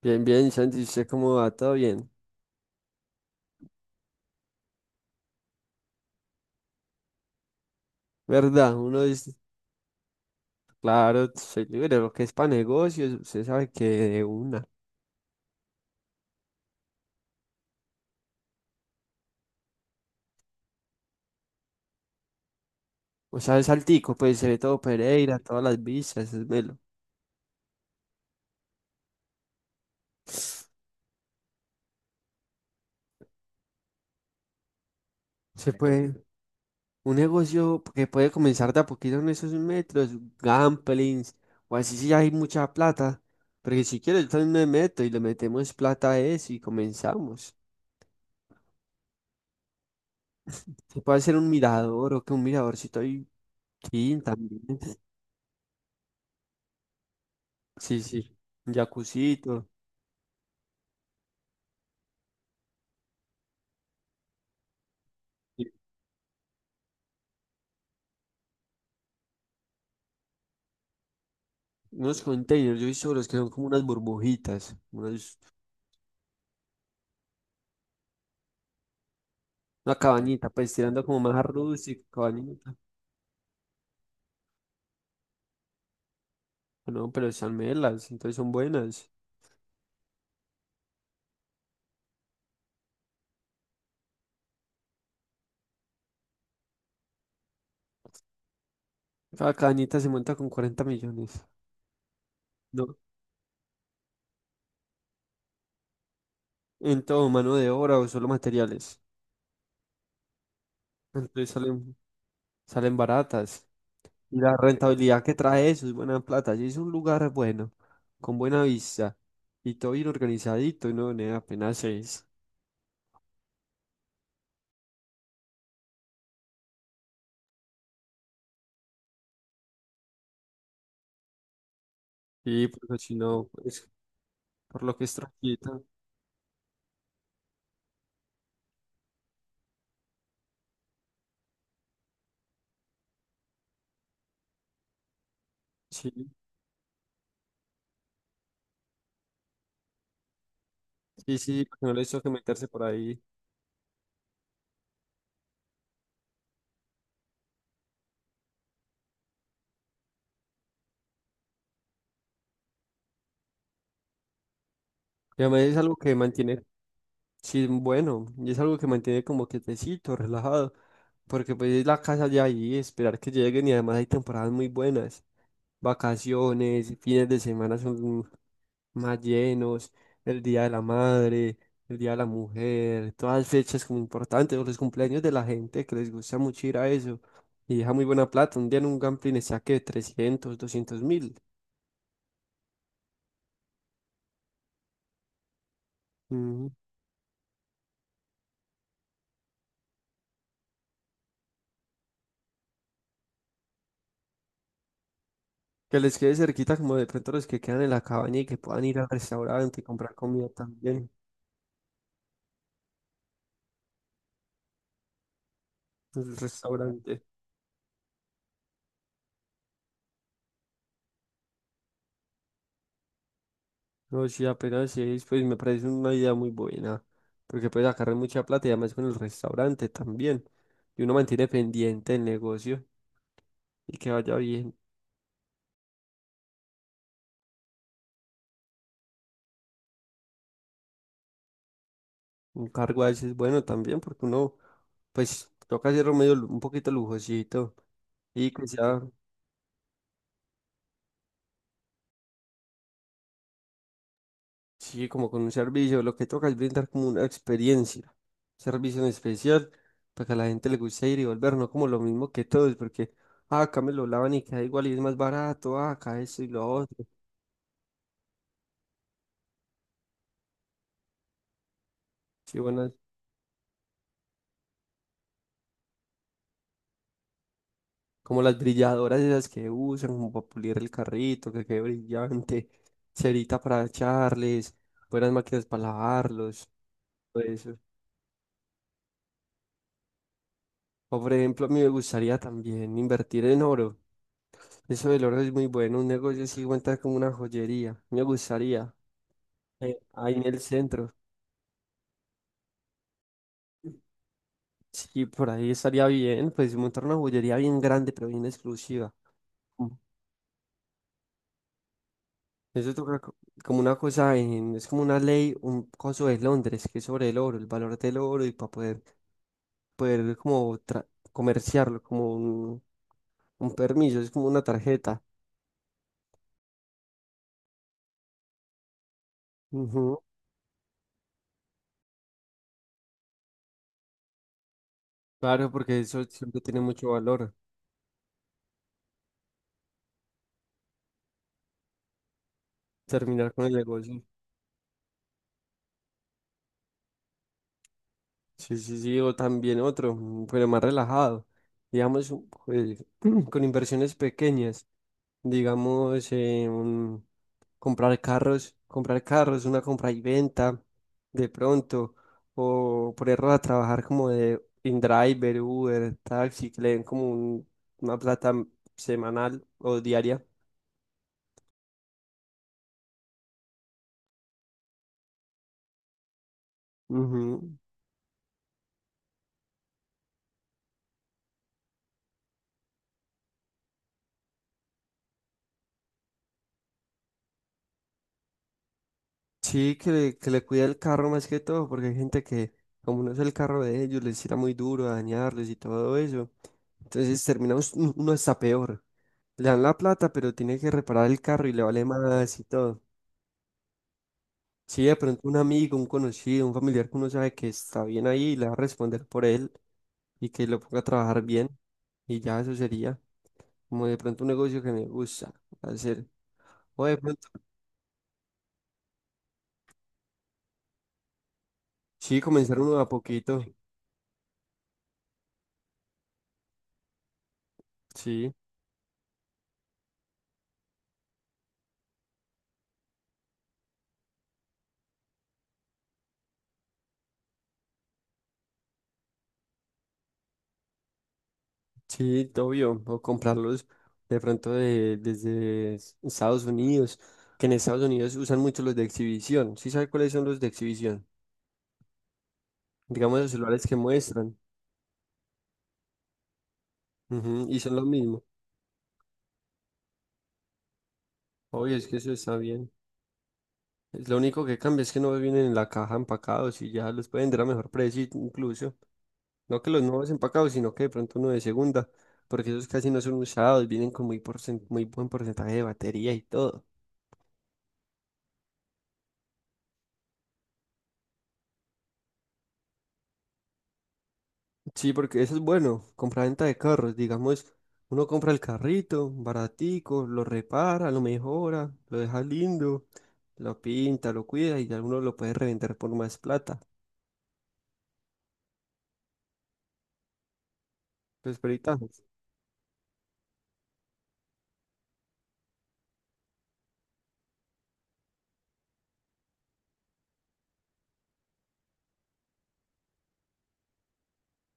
Bien, bien, Santi, ¿usted cómo va? ¿Todo bien? ¿Verdad? Uno dice, claro, soy libre, lo que es para negocios, usted sabe que de una. O sea, es altico, pues se ve todo Pereira, todas las vistas, es melo. Se puede, un negocio que puede comenzar de a poquito en esos metros, gamblings, o así si hay mucha plata. Porque si quiero, yo también me meto y le metemos plata a eso y comenzamos. Se puede hacer un mirador o que un miradorcito ahí estoy, también. Sí, sí, un jacuzito. Unos containers, yo he visto los que son como unas burbujitas, una cabañita, pues tirando como más a rústico, cabañita. Ah, no, pero están melas, entonces son buenas. Cada cabañita se monta con 40 millones, ¿no? En todo, mano de obra o solo materiales. Entonces salen baratas. Y la rentabilidad que trae eso es buena plata. Si es un lugar bueno, con buena vista y todo bien organizadito, ¿no? Nea, apenas es. Y porque si no, pues, por lo que es tranquilita. Sí. Sí, sí, porque no les toque meterse por ahí. Y además es algo que mantiene, sí, bueno, y es algo que mantiene como quietecito, relajado, porque pues es la casa de ahí, esperar que lleguen y además hay temporadas muy buenas, vacaciones, fines de semana son más llenos, el Día de la Madre, el Día de la Mujer, todas fechas como importantes, o los cumpleaños de la gente que les gusta mucho ir a eso, y deja muy buena plata, un día en un gambling está que 300, 200 mil. Que les quede cerquita como de pronto los que quedan en la cabaña y que puedan ir al restaurante y comprar comida también. En el restaurante. No, sí, apenas sí, pues me parece una idea muy buena. Porque puedes sacar mucha plata y además con el restaurante también. Y uno mantiene pendiente el negocio y que vaya bien. Un cargo a veces es bueno también porque uno, pues, toca hacerlo medio un poquito lujosito y que sea. Sí, como con un servicio, lo que toca es brindar como una experiencia, servicio en especial, para que a la gente le guste ir y volver, no como lo mismo que todos, porque ah, acá me lo lavan y queda igual y es más barato, ah, acá eso y lo otro. Sí, bueno, como las brilladoras esas que usan, como para pulir el carrito, que quede brillante, cerita para echarles, buenas máquinas para lavarlos, todo eso. O por ejemplo, a mí me gustaría también invertir en oro. Eso del oro es muy bueno, un negocio así, cuenta como una joyería. Me gustaría. Ahí en el centro. Sí, por ahí estaría bien, pues montar una joyería bien grande, pero bien exclusiva. Mm. Eso toca como una cosa, es como una ley, un coso de Londres, que es sobre el oro, el valor del oro y para poder, como comerciarlo, como un permiso, es como una tarjeta. Ujú. Claro, porque eso siempre tiene mucho valor, terminar con el negocio. Sí, sí, sí, o también otro, pero más relajado, digamos, pues, con inversiones pequeñas. Digamos, comprar carros, una compra y venta, de pronto, o ponerlos a trabajar como de InDriver, Uber, taxi, que le den como una plata semanal o diaria. Ujú. Sí, que le cuide el carro más que todo, porque hay gente que, como no es el carro de ellos, les tira muy duro a dañarles y todo eso. Entonces terminamos uno está peor. Le dan la plata, pero tiene que reparar el carro y le vale más y todo. Si de pronto un amigo, un conocido, un familiar que uno sabe que está bien ahí le va a responder por él y que lo ponga a trabajar bien y ya eso sería como de pronto un negocio que me gusta hacer. O de pronto, sí, comenzar uno de a poquito. Sí, sí, obvio. O comprarlos de pronto desde Estados Unidos, que en Estados Unidos usan mucho los de exhibición. ¿Sí sabe cuáles son los de exhibición? Digamos los celulares que muestran. Ujú, y son lo mismo. Obvio, es que eso está bien. Es lo único que cambia es que no vienen en la caja empacados y ya los pueden vender a mejor precio incluso. No que los nuevos empacados, sino que de pronto uno de segunda, porque esos casi no son usados, vienen con muy buen porcentaje de batería y todo. Sí, porque eso es bueno, compra-venta de carros, digamos, uno compra el carrito baratico, lo repara, lo mejora, lo deja lindo, lo pinta, lo cuida y ya uno lo puede revender por más plata. Los peritajes.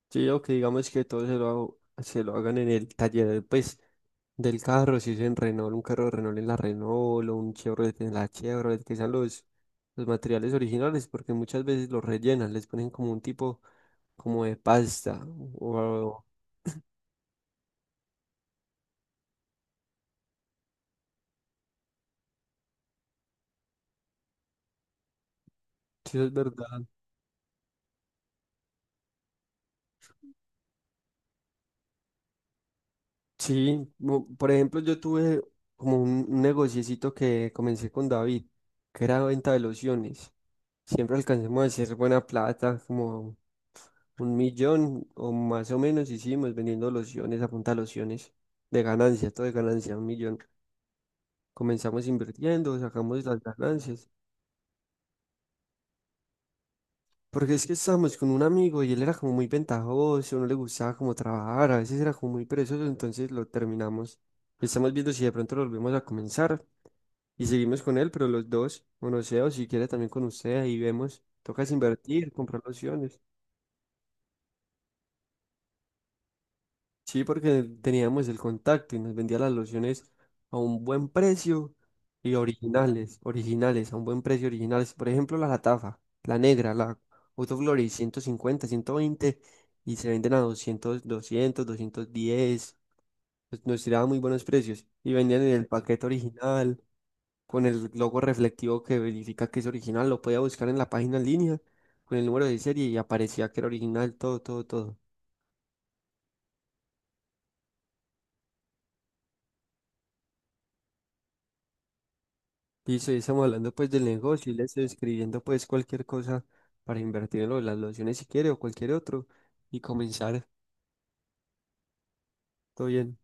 Sí, o que digamos que todo se lo hagan en el taller, pues, del carro, si es en Renault, un carro de Renault en la Renault, o un Chevrolet en la Chevrolet, que sean los materiales originales, porque muchas veces los rellenan, les ponen como un tipo, como de pasta, o. si, eso es verdad. Sí, por ejemplo, yo tuve como un negociecito que comencé con David, que era venta de lociones. Siempre alcancemos a hacer buena plata, como un millón o más o menos hicimos vendiendo lociones, a punta de lociones de ganancia, todo de ganancia, un millón. Comenzamos invirtiendo, sacamos las ganancias. Porque es que estábamos con un amigo y él era como muy ventajoso, no le gustaba como trabajar, a veces era como muy perezoso, entonces lo terminamos. Estamos viendo si de pronto lo volvemos a comenzar y seguimos con él, pero los dos, o no sé, o si quiere también con usted, ahí vemos. Tocas invertir, comprar lociones. Sí, porque teníamos el contacto y nos vendía las lociones a un buen precio y originales, originales, a un buen precio originales. Por ejemplo, la Latafa, la negra, la Autoflores, 150, 120 y se venden a doscientos 210. Pues nos tiraban muy buenos precios y vendían en el paquete original con el logo reflectivo que verifica que es original. Lo podía buscar en la página en línea con el número de serie y aparecía que era original, todo, todo, todo. Listo, y estamos hablando pues del negocio y le estoy escribiendo pues cualquier cosa para invertir en lo de las lociones si quiere o cualquier otro y comenzar. Todo bien.